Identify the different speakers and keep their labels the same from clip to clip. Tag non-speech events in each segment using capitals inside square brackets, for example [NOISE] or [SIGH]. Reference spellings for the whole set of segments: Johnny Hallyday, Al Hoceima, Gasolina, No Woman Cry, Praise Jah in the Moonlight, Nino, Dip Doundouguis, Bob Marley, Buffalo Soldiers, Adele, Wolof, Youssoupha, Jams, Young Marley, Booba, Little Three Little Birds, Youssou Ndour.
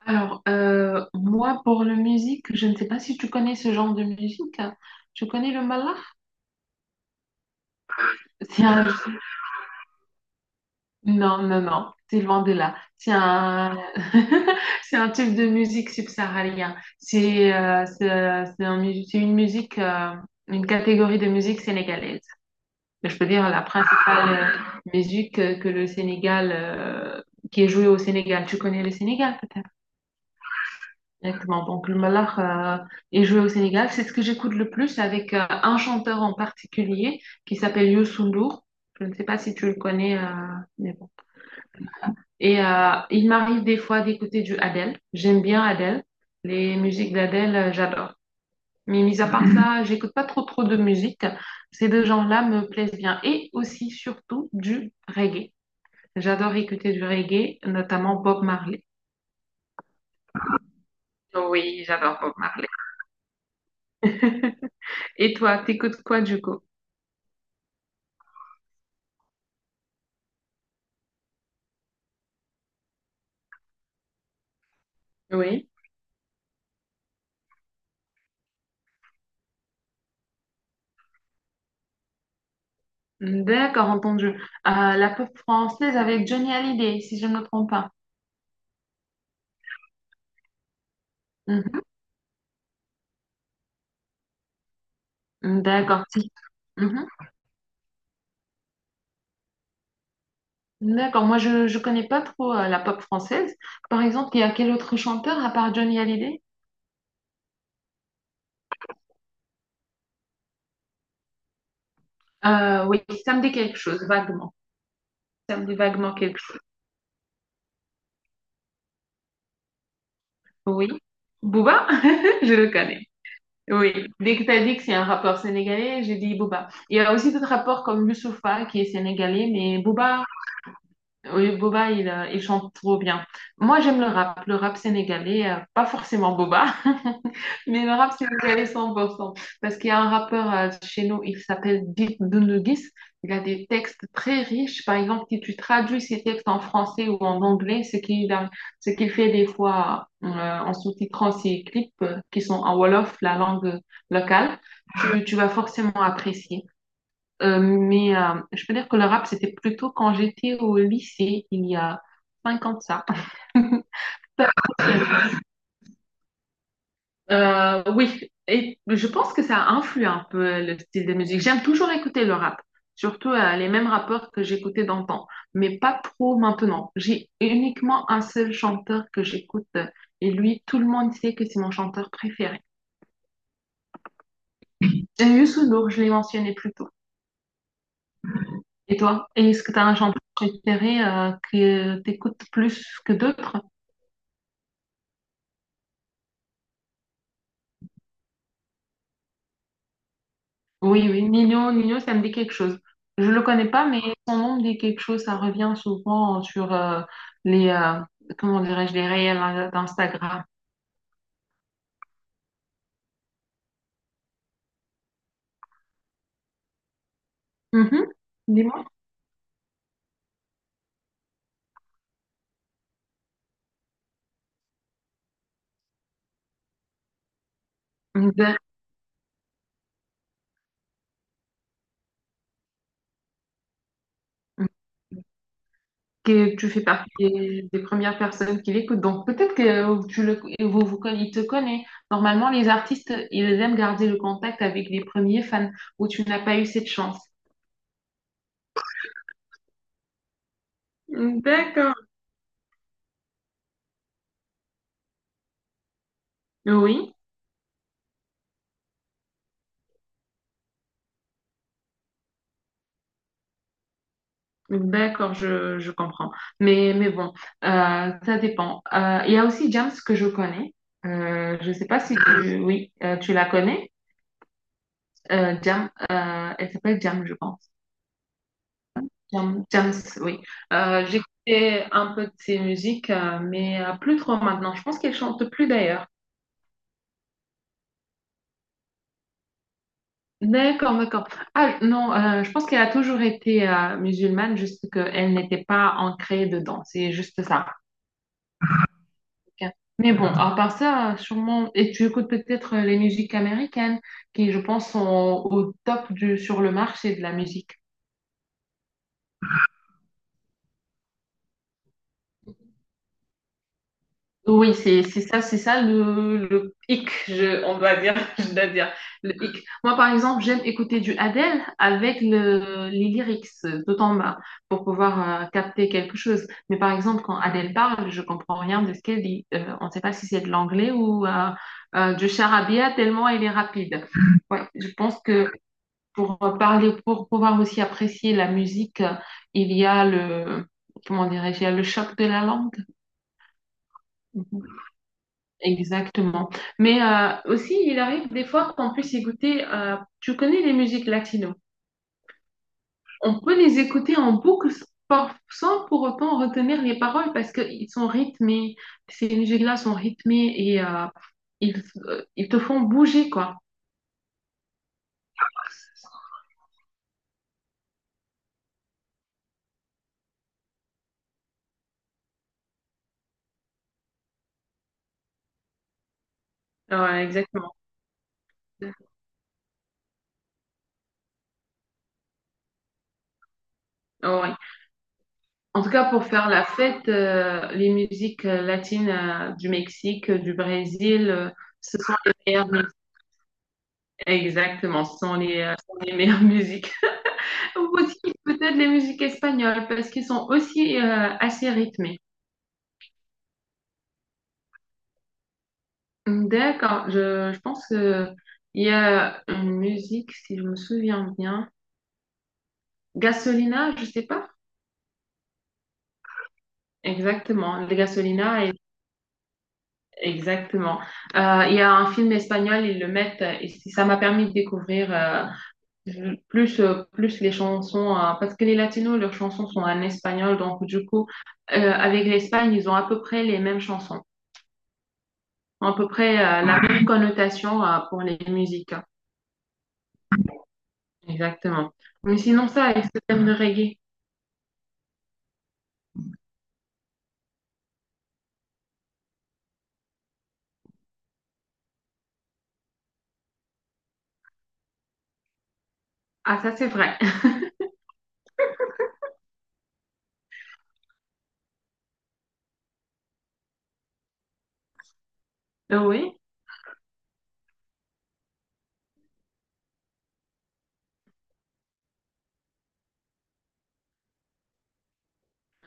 Speaker 1: Alors, moi, pour la musique, je ne sais pas si tu connais ce genre de musique. Tu connais le mallah? C'est un... Non, non, non, c'est loin de là. C'est un... [LAUGHS] c'est un type de musique subsaharienne. C'est une musique, une catégorie de musique sénégalaise. Je peux dire la principale musique que le Sénégal, qui est jouée au Sénégal. Tu connais le Sénégal? Exactement. Donc, le Malakh est joué au Sénégal. C'est ce que j'écoute le plus avec un chanteur en particulier qui s'appelle Youssou Ndour. Je ne sais pas si tu le connais, mais bon. Et il m'arrive des fois d'écouter du Adele. J'aime bien Adele. Les musiques d'Adele, j'adore. Mais mis à part ça, [CLEARS THROAT] j'écoute pas trop trop de musique. Ces deux genres-là me plaisent bien. Et aussi, surtout, du reggae. J'adore écouter du reggae, notamment Bob Marley. Oui, j'adore Bob Marley. [LAUGHS] Et toi, t'écoutes quoi du coup? Oui. D'accord, entendu. La pop française avec Johnny Hallyday, si je ne me trompe pas. Mhm. D'accord, si. Mhm. D'accord, moi je connais pas trop la pop française. Par exemple, il y a quel autre chanteur à part Johnny Hallyday? Oui, ça me dit quelque chose, vaguement. Ça me dit vaguement quelque chose. Oui. Booba, [LAUGHS] je le connais. Oui. Dès que tu as dit que c'est un rappeur sénégalais, j'ai dit Booba. Il y a aussi d'autres rappeurs comme Youssoupha qui est sénégalais, mais Booba, oui, Boba, il chante trop bien. Moi, j'aime le rap sénégalais, pas forcément Boba, [LAUGHS] mais le rap sénégalais 100%. Parce qu'il y a un rappeur chez nous, il s'appelle Dip Doundouguis. Il a des textes très riches. Par exemple, si tu traduis ses textes en français ou en anglais, ce qu'il fait des fois en sous-titrant ses clips qui sont en Wolof, la langue locale, tu vas forcément apprécier. Mais je peux dire que le rap, c'était plutôt quand j'étais au lycée, il y a 5 ans de ça. [LAUGHS] Oui, et je pense que ça influe un peu le style de musique. J'aime toujours écouter le rap, surtout les mêmes rappeurs que j'écoutais d'antan, mais pas trop maintenant. J'ai uniquement un seul chanteur que j'écoute et lui, tout le monde sait que c'est mon chanteur préféré. J'aime Youssou Ndour, je l'ai mentionné plus tôt. Et toi, est-ce que tu as un chanteur préféré que tu écoutes plus que d'autres? Oui, oui, Nino, ça me dit quelque chose. Je le connais pas, mais son nom me dit quelque chose. Ça revient souvent sur les, euh, comment dirais-je, les réels d'Instagram. Mhm. Dis-moi. D'ac- Que tu fais partie des premières personnes qui l'écoutent. Donc peut-être que tu le, il te connaît. Normalement, les artistes, ils aiment garder le contact avec les premiers fans où tu n'as pas eu cette chance. D'accord. Oui. D'accord, je comprends. Mais bon, ça dépend. Il y a aussi Jams que je connais. Je sais pas si tu... Oui, tu la connais. Jam, elle s'appelle Jam, je pense. Jam, Jams, oui. J'écoutais un peu de ses musiques, mais plus trop maintenant. Je pense qu'elle chante plus d'ailleurs. D'accord, d'accord. Ah non, je pense qu'elle a toujours été musulmane, juste qu'elle n'était pas ancrée dedans. C'est juste ça. Ok. Mais bon, à part ça, sûrement, et tu écoutes peut-être les musiques américaines qui, je pense, sont au top du, sur le marché de la musique. Oui, c'est ça, c'est ça le hic, on doit dire, [LAUGHS] je dois dire, le hic. Moi, par exemple, j'aime écouter du Adele avec le, les lyrics tout en bas pour pouvoir capter quelque chose. Mais par exemple, quand Adele parle, je comprends rien de ce qu'elle dit. On ne sait pas si c'est de l'anglais ou du charabia tellement elle est rapide. [LAUGHS] Ouais, je pense que pour parler, pour pouvoir aussi apprécier la musique, il y a le, comment dirais-je, il y a le choc de la langue. Mhm. Exactement. Mais aussi, il arrive des fois qu'on puisse écouter, tu connais les musiques latino. On peut les écouter en boucle sans pour autant retenir les paroles parce qu'ils sont rythmés. Ces musiques-là sont rythmées et ils, ils te font bouger, quoi. Ouais, exactement. Ouais. En tout cas, pour faire la fête, les musiques latines du Mexique, du Brésil, ce sont les meilleures musiques. Exactement, ce sont les meilleures [LAUGHS] musiques. Ou aussi peut-être les musiques espagnoles, parce qu'ils sont aussi assez rythmées. D'accord, je pense qu'il y a une musique, si je me souviens bien, Gasolina, je sais pas. Exactement, exactement. Il y a un film espagnol, ils le mettent, et ça m'a permis de découvrir... plus les chansons, parce que les latinos, leurs chansons sont en espagnol, donc du coup, avec l'Espagne, ils ont à peu près les mêmes chansons, à peu près la même connotation pour les musiques. Exactement. Mais sinon, ça, avec ce thème de reggae, ah, ça, c'est vrai. [LAUGHS] Oui.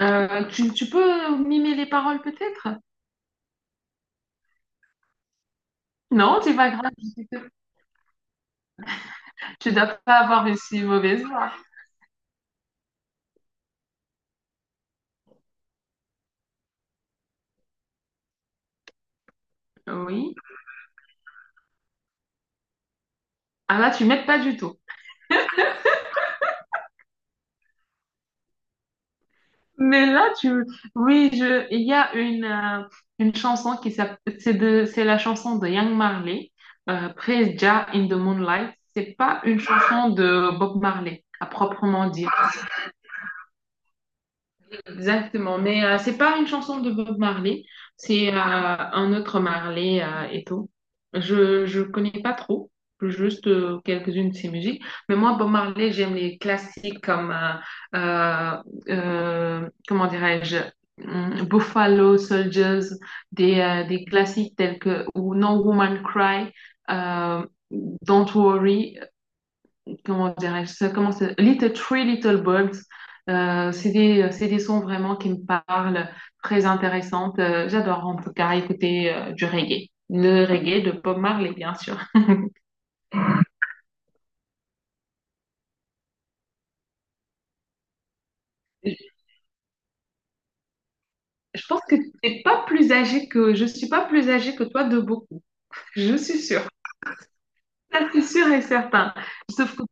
Speaker 1: Tu peux mimer les paroles peut-être? Non, c'est pas grave. [LAUGHS] Tu dois pas avoir une si mauvaise voix. Oui. Ah là, tu m'aides pas du tout. Mais là, tu... Oui, il y a une chanson qui s'appelle... c'est la chanson de Young Marley, Praise Jah in the Moonlight. C'est pas une chanson de Bob Marley, à proprement dire. Exactement, mais c'est pas une chanson de Bob Marley, c'est un autre Marley et tout. Je connais pas trop, juste quelques-unes de ses musiques. Mais moi, Bob Marley, j'aime les classiques comme euh, comment dirais-je, Buffalo Soldiers, des classiques tels que ou No Woman Cry, euh, Don't Worry comment dirais-je ça, comment ça- Little Three Little Birds. C'est des sons vraiment qui me parlent, très intéressantes. J'adore en tout cas écouter du reggae. Le reggae de Bob Marley, bien sûr. Je je pense que t'es pas plus âgé que, je suis pas plus âgée que toi de beaucoup. Je suis sûre. Ça, c'est sûr et certain. Sauf que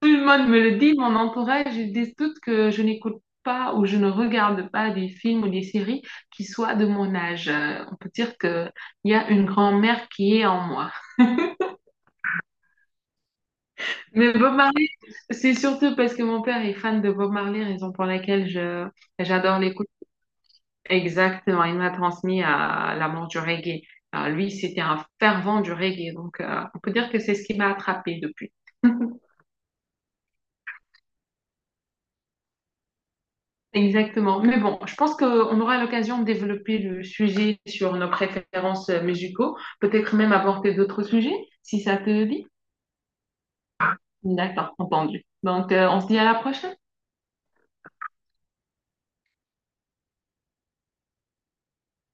Speaker 1: tout le monde me le dit, mon entourage, ils disent tous que je n'écoute pas ou je ne regarde pas des films ou des séries qui soient de mon âge. On peut dire qu'il y a une grand-mère qui est en moi. Mais Bob Marley, c'est surtout parce que mon père est fan de Bob Marley, raison pour laquelle j'adore l'écouter. Exactement, il m'a transmis à l'amour du reggae. Lui, c'était un fervent du reggae, donc on peut dire que c'est ce qui m'a attrapée depuis. [LAUGHS] Exactement. Mais bon, je pense qu'on aura l'occasion de développer le sujet sur nos préférences musicaux, peut-être même aborder d'autres sujets, si ça te dit. D'accord, entendu. Donc, on se dit à la prochaine.